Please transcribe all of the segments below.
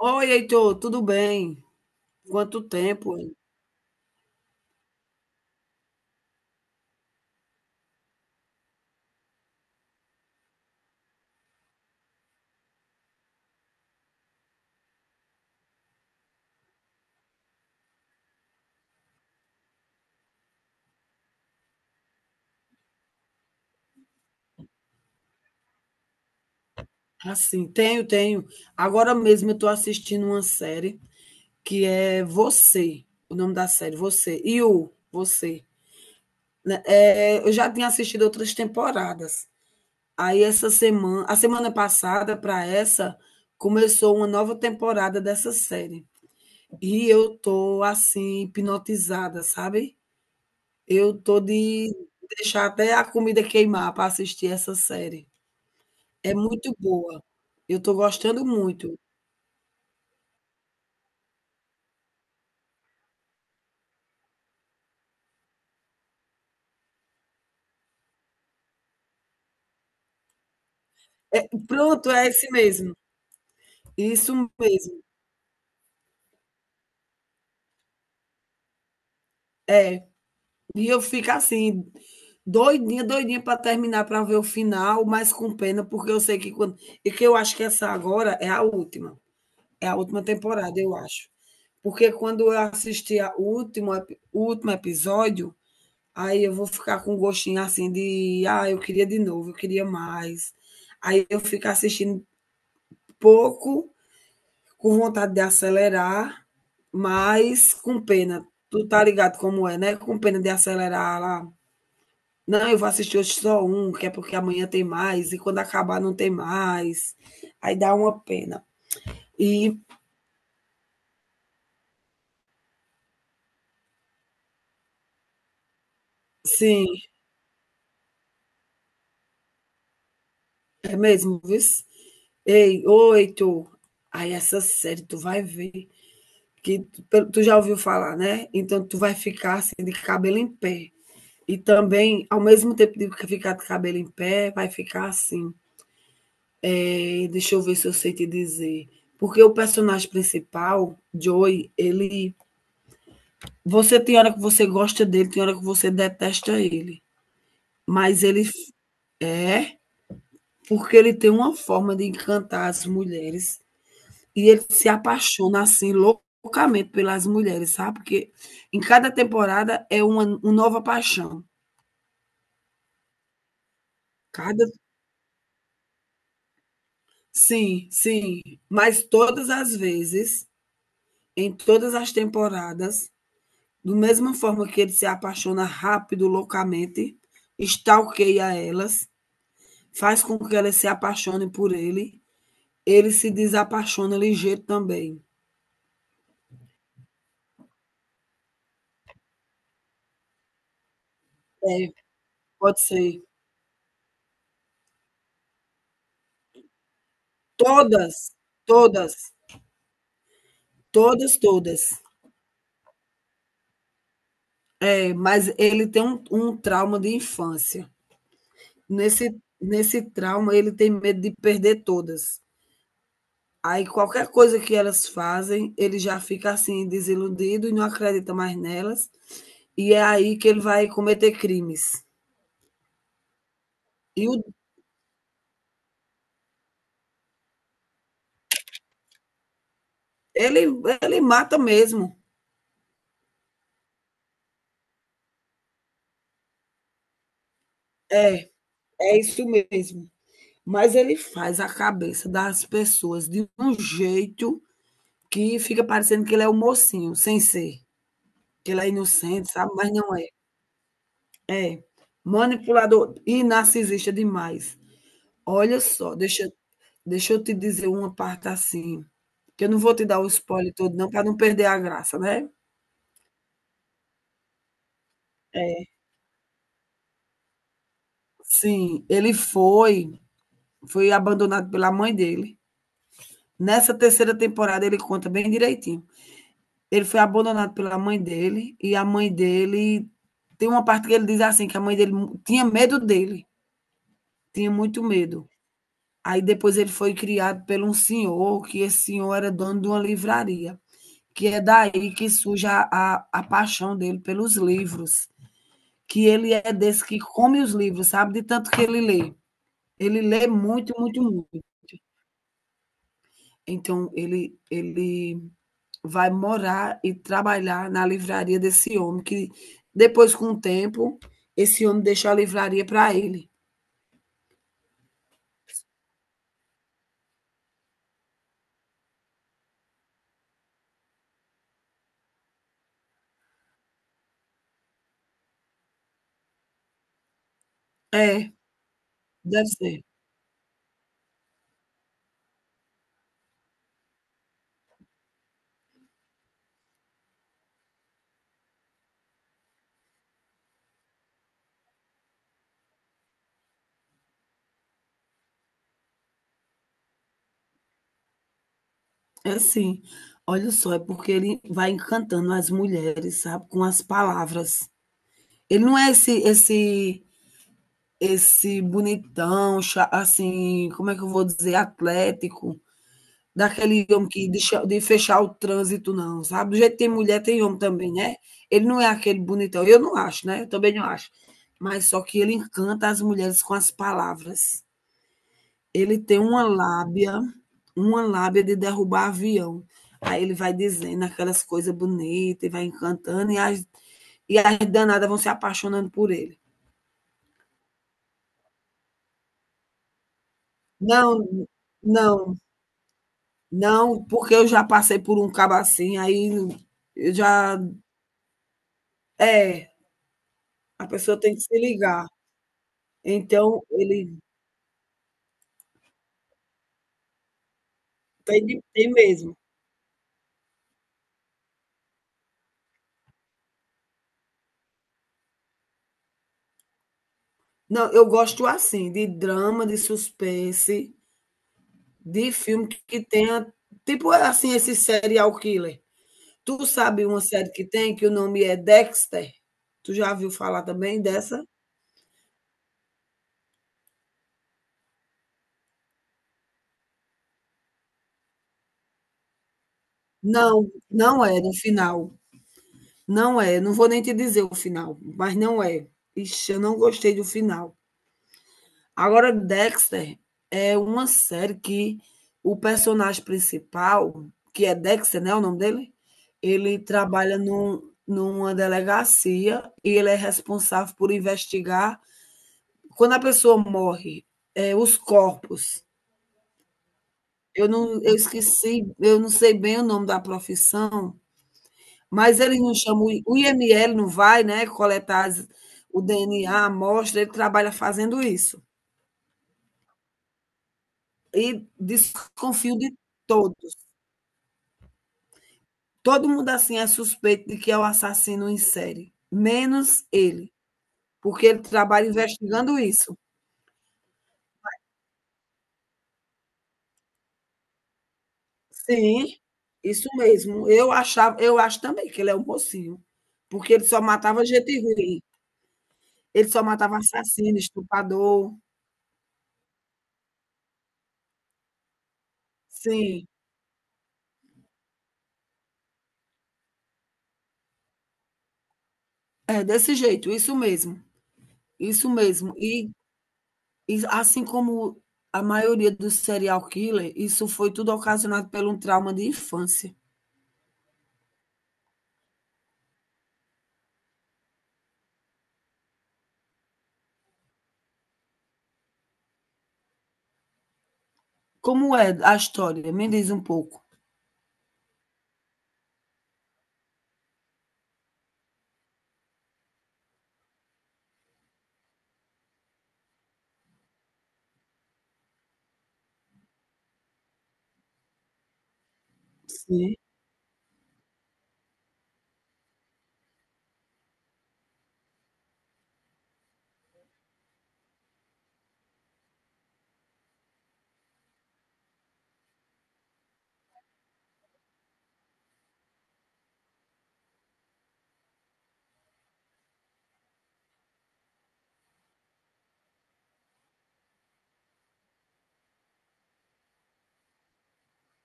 Oi, Heitor, tudo bem? Quanto tempo, hein? Assim, tenho. Agora mesmo eu estou assistindo uma série que é Você, o nome da série, Você, e o Você, né? É, eu já tinha assistido outras temporadas. Aí essa semana, a semana passada para essa, começou uma nova temporada dessa série. E eu tô assim hipnotizada, sabe? Eu tô de deixar até a comida queimar para assistir essa série. É muito boa. Eu estou gostando muito. Pronto, é esse mesmo. Isso mesmo. E eu fico assim, doidinha, doidinha para terminar, para ver o final, mas com pena, porque eu sei que quando e que eu acho que essa agora é a última temporada, eu acho. Porque quando eu assistir a último epi o último episódio, aí eu vou ficar com um gostinho assim de: "Ah, eu queria de novo, eu queria mais". Aí eu fico assistindo pouco com vontade de acelerar, mas com pena. Tu tá ligado como é, né? Com pena de acelerar lá. Não, eu vou assistir hoje só um, que é porque amanhã tem mais, e quando acabar não tem mais. Aí dá uma pena. E sim, é mesmo, viu? Ei, oito. Aí essa série tu vai ver. Que tu já ouviu falar, né? Então tu vai ficar assim de cabelo em pé. E também, ao mesmo tempo de ficar de cabelo em pé, vai ficar assim, é, deixa eu ver se eu sei te dizer. Porque o personagem principal, Joey, ele. Você tem hora que você gosta dele, tem hora que você detesta ele. Mas é porque ele tem uma forma de encantar as mulheres. E ele se apaixona assim loucamente pelas mulheres, sabe? Porque em cada temporada é uma nova paixão. Cada. Sim, sim. Mas todas as vezes, em todas as temporadas, do mesma forma que ele se apaixona rápido, loucamente, stalkeia elas, faz com que elas se apaixonem por ele, ele se desapaixona ligeiro também. É, pode ser. Todas, todas, todas, todas. É, mas ele tem um trauma de infância. Nesse trauma, ele tem medo de perder todas. Aí qualquer coisa que elas fazem, ele já fica assim desiludido e não acredita mais nelas, e é aí que ele vai cometer crimes. E o ele ele mata mesmo. É, é isso mesmo. Mas ele faz a cabeça das pessoas de um jeito que fica parecendo que ele é o mocinho, sem ser, que ele é inocente, sabe, mas não é. É, manipulador e narcisista demais. Olha só, deixa eu te dizer uma parte, assim, que eu não vou te dar o spoiler todo não, para não perder a graça, né. É. Sim, ele foi foi abandonado pela mãe dele. Nessa terceira temporada ele conta bem direitinho. Ele foi abandonado pela mãe dele e a mãe dele tem uma parte que ele diz assim, que a mãe dele mu tinha medo dele, tinha muito medo. Aí depois ele foi criado pelo um senhor, que esse senhor era dono de uma livraria, que é daí que surge a paixão dele pelos livros, que ele é desse que come os livros, sabe? De tanto que ele lê. Ele lê muito, muito, muito. Então, ele vai morar e trabalhar na livraria desse homem, que depois, com o tempo, esse homem deixou a livraria para ele. É, deve ser. É assim. Olha só, é porque ele vai encantando as mulheres, sabe? Com as palavras. Ele não é esse bonitão, assim, como é que eu vou dizer, atlético, daquele homem de fechar o trânsito, não, sabe? Do jeito que tem mulher, tem homem também, né? Ele não é aquele bonitão, eu não acho, né? Eu também não acho. Mas só que ele encanta as mulheres com as palavras. Ele tem uma lábia de derrubar avião. Aí ele vai dizendo aquelas coisas bonitas e vai encantando, e as danadas vão se apaixonando por ele. Não, não, não, porque eu já passei por um cabo assim, aí eu já. É, a pessoa tem que se ligar. Então, tem mesmo. Não, eu gosto assim, de drama, de suspense, de filme que tenha. Tipo assim, esse serial killer. Tu sabe uma série que tem que o nome é Dexter? Tu já viu falar também dessa? Não, não é no final. Não é. Não vou nem te dizer o final, mas não é. Ixi, eu não gostei do final. Agora, Dexter é uma série que o personagem principal, que é Dexter, né, o nome dele, ele trabalha num, numa delegacia e ele é responsável por investigar quando a pessoa morre, é, os corpos. Eu esqueci, eu não sei bem o nome da profissão, mas ele não chama o IML, não vai, né, coletar o DNA, a amostra, ele trabalha fazendo isso. E desconfio de todos. Todo mundo assim é suspeito de que é o assassino em série, menos ele, porque ele trabalha investigando isso. Sim, isso mesmo. Eu acho também que ele é um mocinho, porque ele só matava gente ruim. Ele só matava assassino, estuprador. Sim, é desse jeito, isso mesmo. Isso mesmo. E assim como a maioria dos serial killer, isso foi tudo ocasionado pelo trauma de infância. Como é a história? Me diz um pouco. Sim.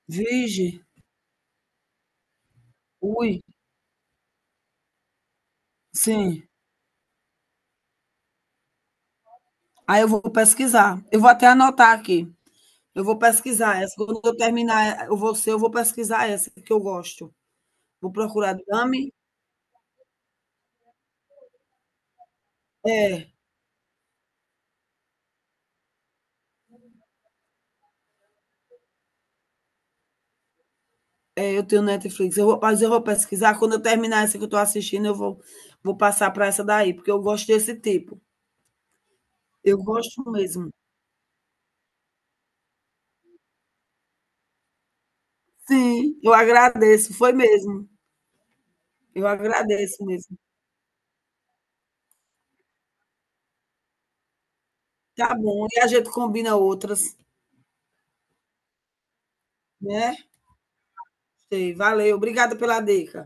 Vige, ui, sim. Aí eu vou pesquisar. Eu vou até anotar aqui. Eu vou pesquisar essa. Quando eu terminar eu vou ser. Eu vou pesquisar essa que eu gosto. Vou procurar Dummy. É, é, eu tenho Netflix. Eu vou, mas eu vou pesquisar. Quando eu terminar essa que eu estou assistindo, vou passar para essa daí, porque eu gosto desse tipo. Eu gosto mesmo. Sim, eu agradeço. Foi mesmo. Eu agradeço mesmo. Tá bom. E a gente combina outras, né? Sei, valeu. Obrigada pela dica.